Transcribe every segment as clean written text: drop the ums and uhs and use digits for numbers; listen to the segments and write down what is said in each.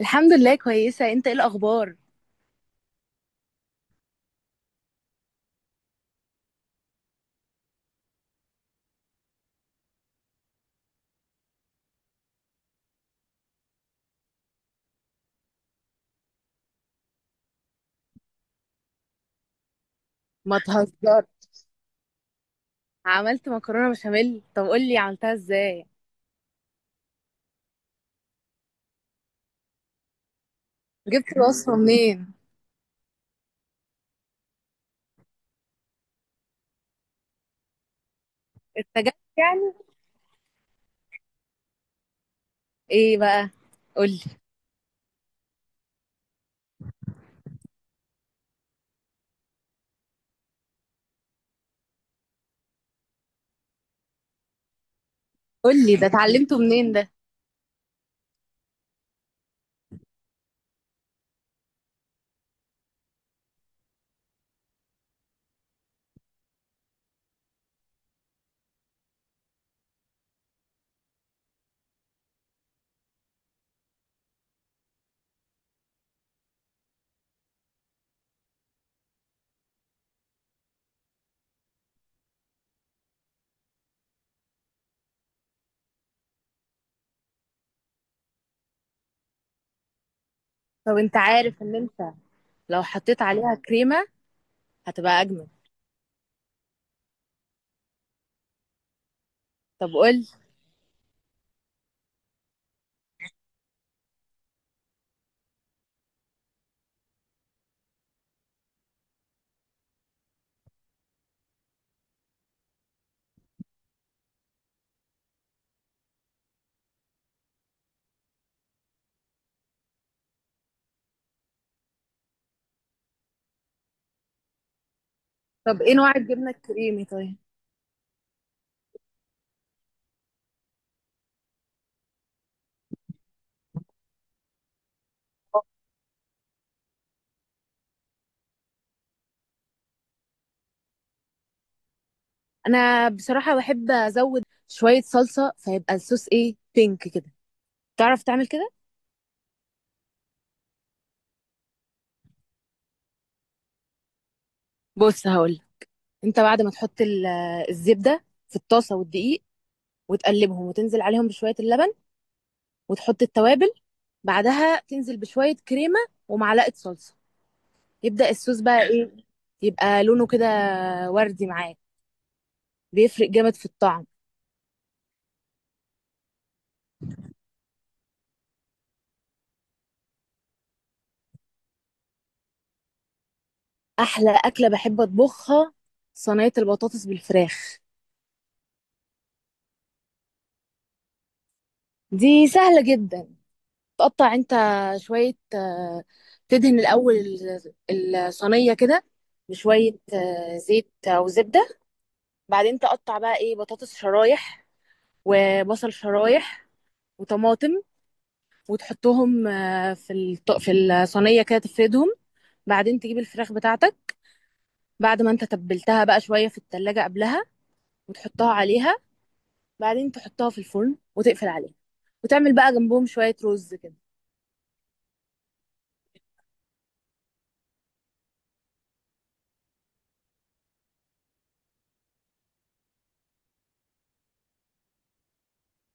الحمد لله، كويسة. انت ايه الأخبار؟ ما تهزر. عملت مكرونة بشاميل؟ طب قولي عملتها ازاي؟ جبت الوصفة منين؟ اتجبت يعني؟ ايه بقى؟ قولي. قولي، ده اتعلمته منين ده؟ طب انت عارف ان انت لو حطيت عليها كريمة هتبقى أجمل. طب قولي. طب ايه نوع الجبنة الكريمي طيب؟ أنا بصراحة بحب أزود شوية صلصة، فيبقى الصوص ايه؟ بينك كده. تعرف تعمل كده؟ بص هقولك. انت بعد ما تحط الزبدة في الطاسة والدقيق، وتقلبهم وتنزل عليهم بشوية اللبن، وتحط التوابل، بعدها تنزل بشوية كريمة ومعلقة صلصة، يبدأ الصوص بقى ايه، يبقى لونه كده وردي معاك. بيفرق جامد في الطعم. أحلى أكلة بحب أطبخها صينية البطاطس بالفراخ. دي سهلة جدا. تقطع انت شوية، تدهن الأول الصينية كده بشوية زيت أو زبدة. بعدين تقطع بقى ايه بطاطس شرايح، وبصل شرايح، وطماطم، وتحطهم في الصينيه كده تفردهم. بعدين تجيب الفراخ بتاعتك بعد ما انت تبلتها بقى شويه في التلاجة قبلها، وتحطها عليها. بعدين تحطها في الفرن وتقفل عليها، وتعمل بقى جنبهم شويه رز كده.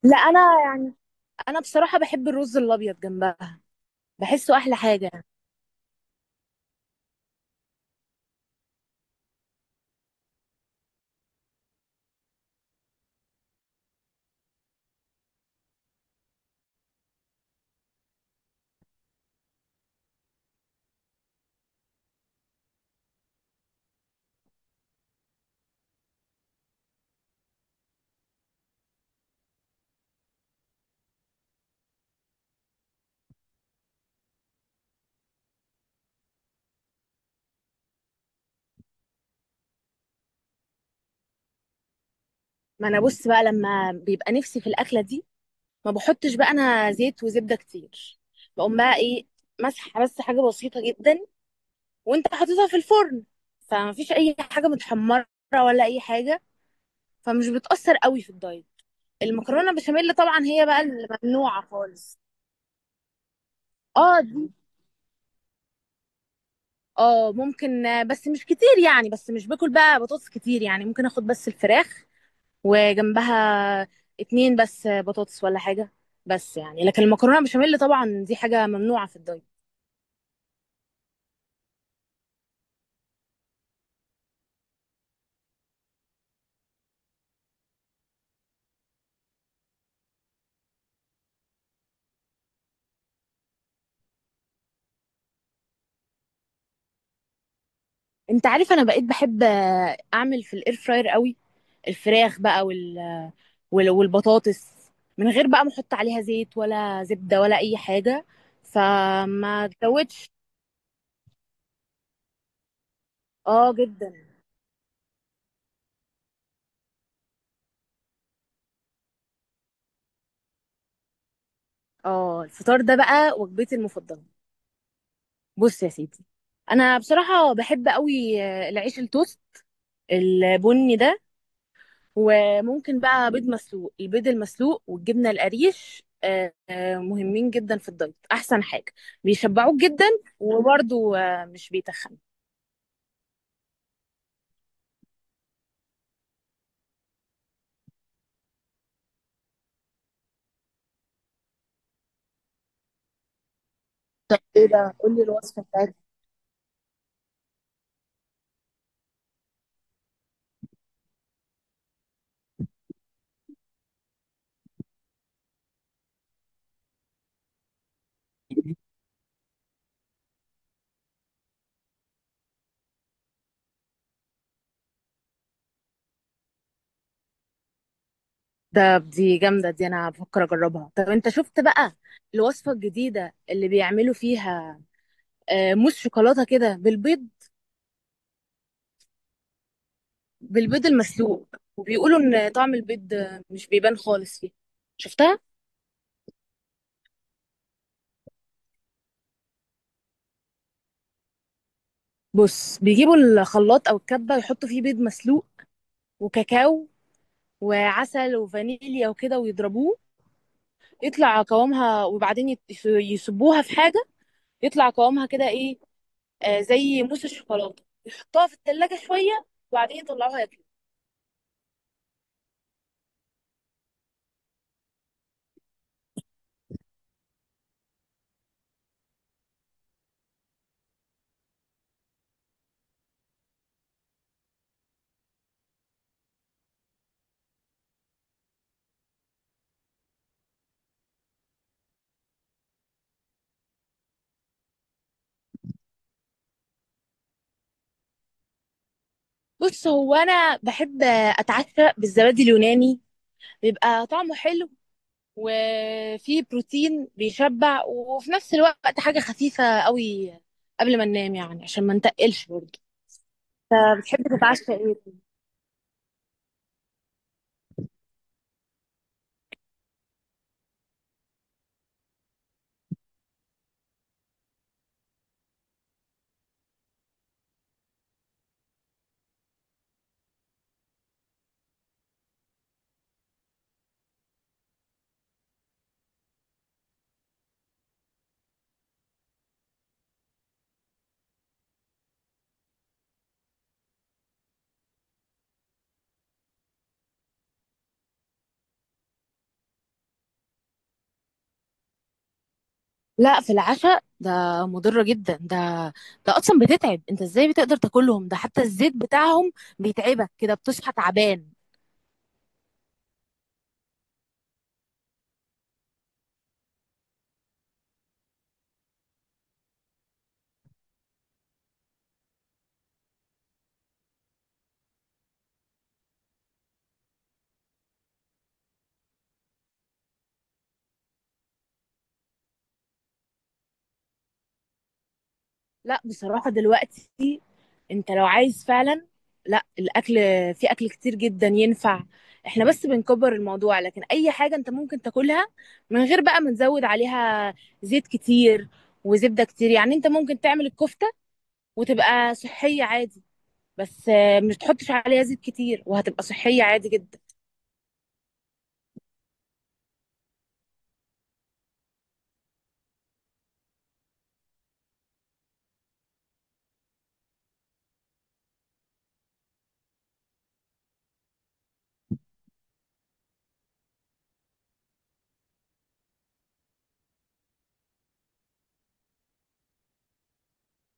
لا، انا يعني انا بصراحه بحب الرز الابيض جنبها، بحسه احلى حاجه. ما انا بص بقى، لما بيبقى نفسي في الاكله دي ما بحطش بقى انا زيت وزبده كتير. بقوم بقى ايه مسحه بس حاجه بسيطه جدا، وانت حاططها في الفرن، فمفيش اي حاجه متحمره ولا اي حاجه، فمش بتاثر قوي في الدايت. المكرونه بشاميل طبعا هي بقى الممنوعه خالص. اه، دي. اه ممكن، بس مش كتير يعني، بس مش باكل بقى بطاطس كتير يعني، ممكن اخد بس الفراخ، وجنبها اتنين بس بطاطس ولا حاجه، بس يعني. لكن المكرونه بشاميل طبعا دي حاجه ممنوعه في الدايت. انت عارف انا بقيت بحب اعمل في الاير فراير قوي الفراخ بقى، والبطاطس، من غير بقى ما احط عليها زيت ولا زبدة ولا اي حاجة، فما تزودش. اه جدا. اه، الفطار ده بقى وجبتي المفضلة. بص يا سيدي، انا بصراحة بحب قوي العيش التوست البني ده، وممكن بقى بيض مسلوق. البيض المسلوق والجبنة القريش مهمين جدا في الدايت، احسن حاجة. بيشبعوك جدا، وبرضو مش بيتخن. دي جامدة. دي أنا بفكر أجربها. طب أنت شفت بقى الوصفة الجديدة اللي بيعملوا فيها، موس شوكولاتة كده بالبيض، بالبيض المسلوق؟ وبيقولوا إن طعم البيض مش بيبان خالص فيه. شفتها؟ بص، بيجيبوا الخلاط أو الكبة يحطوا فيه بيض مسلوق، وكاكاو، وعسل وفانيليا وكده، ويضربوه يطلع قوامها. وبعدين يصبوها في حاجة، يطلع قوامها كده إيه، زي موس الشوكولاتة، يحطوها في التلاجة شوية، وبعدين يطلعوها. بص، هو انا بحب اتعشى بالزبادي اليوناني. بيبقى طعمه حلو، وفيه بروتين بيشبع، وفي نفس الوقت حاجة خفيفة قوي قبل ما ننام يعني، عشان ما نتقلش برضه. بتحب تتعشى ايه؟ لا، في العشاء ده مضرة جدا. ده ده اصلا بتتعب. انت ازاي بتقدر تاكلهم؟ ده حتى الزيت بتاعهم بيتعبك كده، بتصحى تعبان. لا بصراحة دلوقتي، انت لو عايز فعلا، لا، الاكل، في اكل كتير جدا ينفع. احنا بس بنكبر الموضوع، لكن اي حاجة انت ممكن تاكلها من غير بقى ما نزود عليها زيت كتير وزبدة كتير. يعني انت ممكن تعمل الكفتة وتبقى صحية عادي، بس مش تحطش عليها زيت كتير، وهتبقى صحية عادي جدا.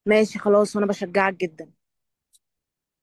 ماشي خلاص، وانا بشجعك جدا.